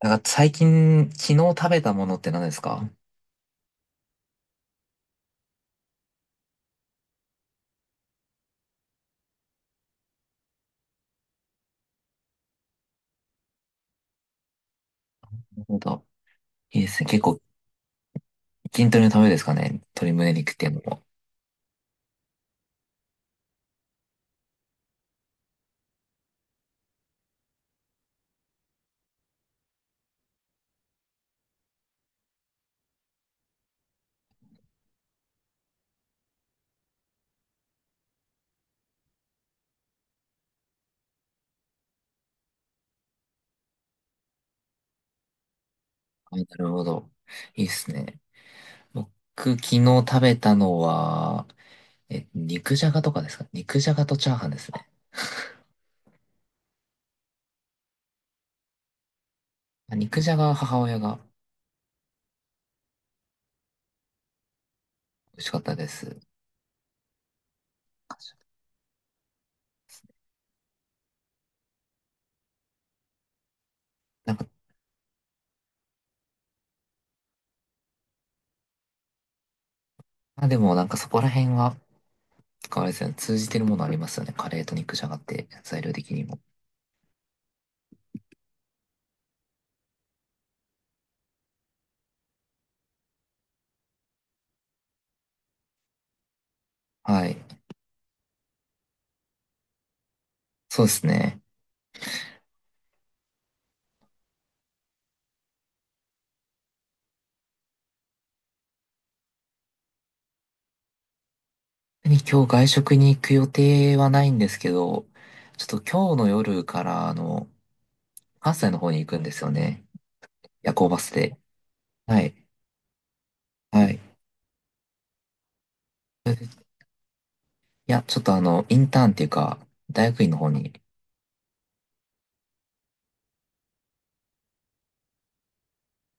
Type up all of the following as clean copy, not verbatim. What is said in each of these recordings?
なんか最近、昨日食べたものって何ですか？なるほど。いいですね。結構、筋トレのためですかね。鶏胸肉っていうのも。あ、なるほど。いいですね。僕、昨日食べたのは、肉じゃがとかですか？肉じゃがとチャーハンですね。あ、肉じゃがは母親が。美味しかったです。なんか、まあ、でもなんかそこら辺は、あれですね、通じてるものありますよね。カレーと肉じゃがって、材料的にも。はい。そうですね。今日外食に行く予定はないんですけど、ちょっと今日の夜から、あの、関西の方に行くんですよね。夜行バスで。はい。はい。それで、いや、ちょっとあの、インターンっていうか、大学院の方に。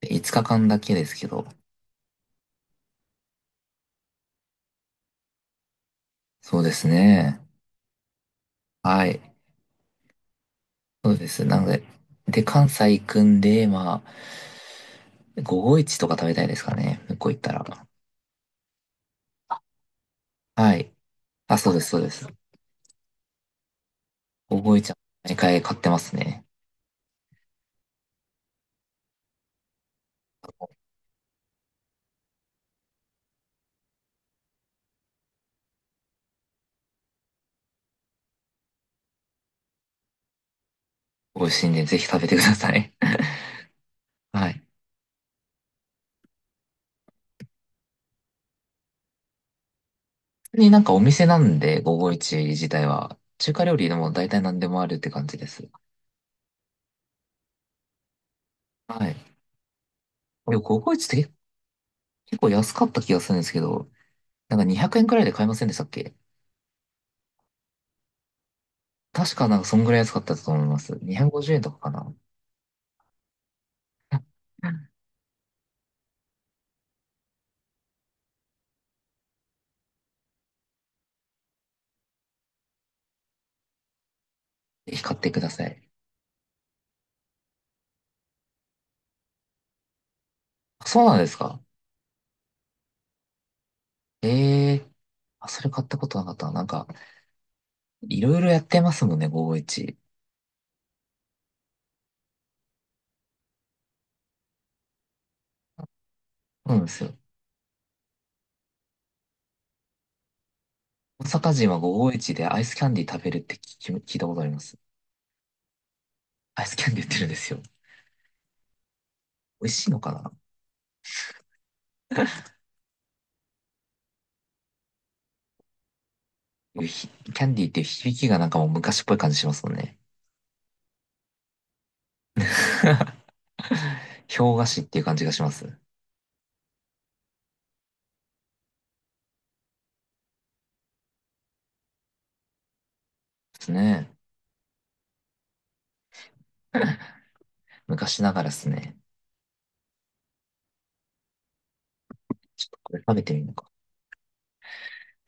5日間だけですけど、そうですね。はい。そうです。なので、で、関西行くんで、まあ、午後一とか食べたいですかね。向こう行ったら。はい。あ、そうです、そうです。午後一は毎回買ってますね。美味しいんで、ぜひ食べてください。はい。になんかお店なんで、551自体は、中華料理でも大体何でもあるって感じです。はい。でも551って、結構安かった気がするんですけど、なんか200円くえんくらいで買えませんでしたっけ？確かなんかそんぐらい安かったと思います。250円とかかな。ぜひ買ってください。そうなんですか？ええー。あ、それ買ったことなかったな。なんか、いろいろやってますもんね、551。そうなんですよ。大阪人は551でアイスキャンディー食べるって聞いたことあります。アイスキャンディー売ってるんですよ。美味しいのかな。キャンディーっていう響きがなんかもう昔っぽい感じしますもんね。氷菓子っていう感じがします。ですね。昔ながらですね。ちょっとこれ食べてみるのか。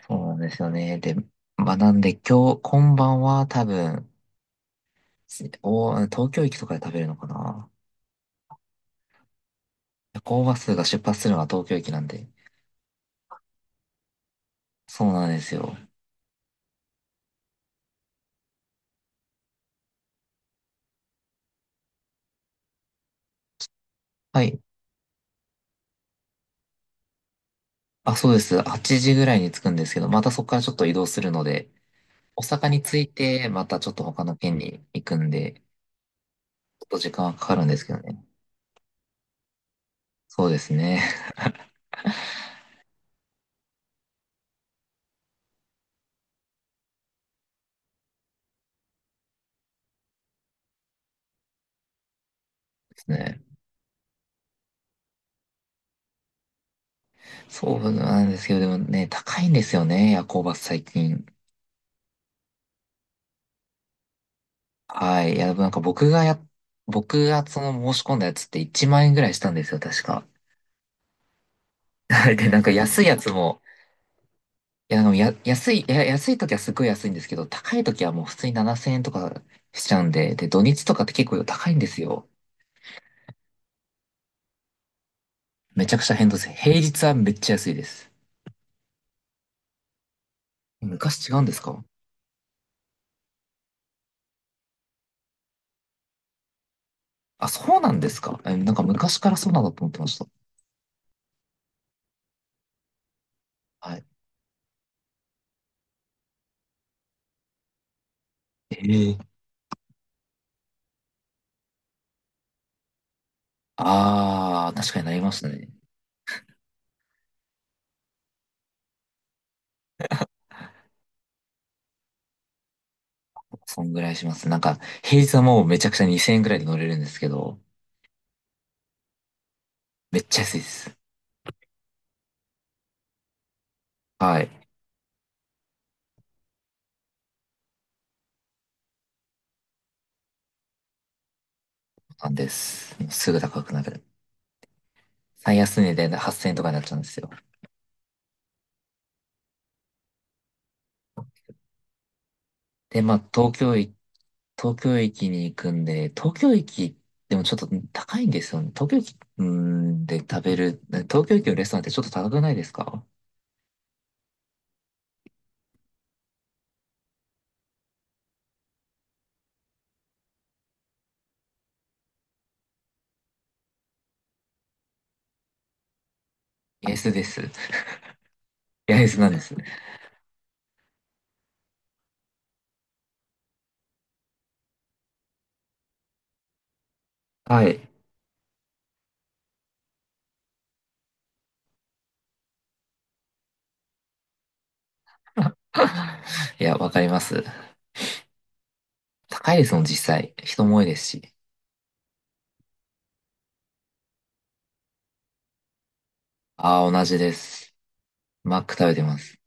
そうなんですよね。で、まあなんで今日、今晩は多分、東京駅とかで食べるのかな。夜行バスが出発するのが東京駅なんで。そうなんですよ。はい。あ、そうです。8時ぐらいに着くんですけど、またそこからちょっと移動するので、大阪に着いて、またちょっと他の県に行くんで、ちょっと時間はかかるんですけどね。そうですね。ですね。そうなんですけど、でもね、高いんですよね、夜行バス最近。はい。いや、でもなんか僕がその申し込んだやつって1万円ぐらいしたんですよ、確か。はいで、なんか安いやつも、いや、でもや、安い、いや、安い時はすごい安いんですけど、高い時はもう普通に7000円とかしちゃうんで、で、土日とかって結構高いんですよ。めちゃくちゃ変動です。平日はめっちゃ安いです。昔違うんですか？あ、そうなんですか？なんか昔からそうなんだと思ってました。はい。ええ、ああ、確かになりましたね。そんぐらいします。なんか、平日はもうめちゃくちゃ2000円ぐらいで乗れるんですけど、めっちゃ安いです。はい。なんです。もうすぐ高くなる。最安値で8000円とかになっちゃうんですよ。で、まあ、東京駅に行くんで、東京駅、でもちょっと高いんですよね。東京駅、うーん、で食べる、東京駅のレストランってちょっと高くないですか？安です。やりそうなんです。はい。いや、わかります。高いですもん、実際。人も多いですし。ああ、同じです。マック食べてます。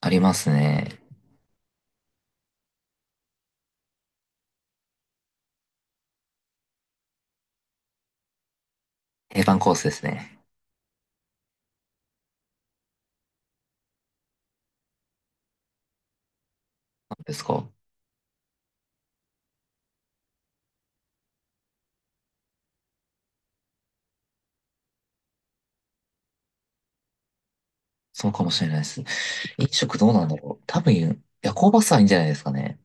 ありますね。定番コースですね。なんですか？そうかもしれないです。飲食どうなんだろう。多分、夜行バスはいいんじゃないですかね。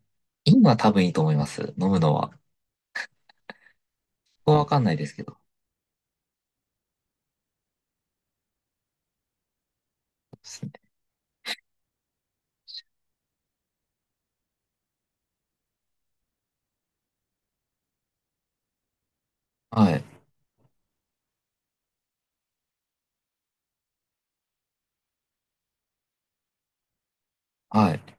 今は多分いいと思います。飲むのは。ここはわかんないですけど。そうですね。はい。はい。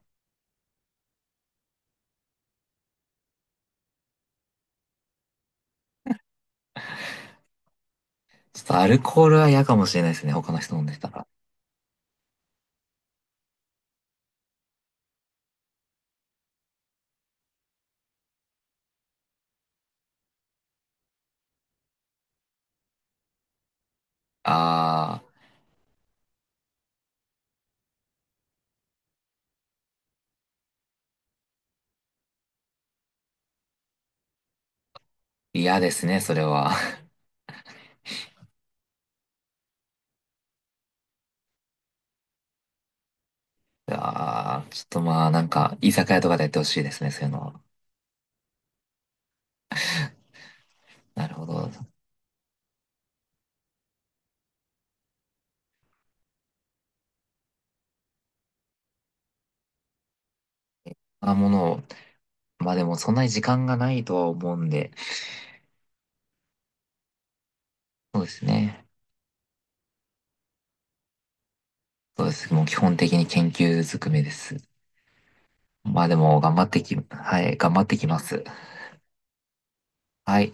ちょっとアルコールは嫌かもしれないですね。他の人飲んでたら。ああ、嫌ですね、それは。ああ、ちょっとまあ、なんか、居酒屋とかでやってほしいですね、そういうのは。なるほど。そんなものを、まあでもそんなに時間がないとは思うんで、そうですね。そうです。もう基本的に研究ずくめです。まあでも頑張ってき、はい、頑張ってきます。はい。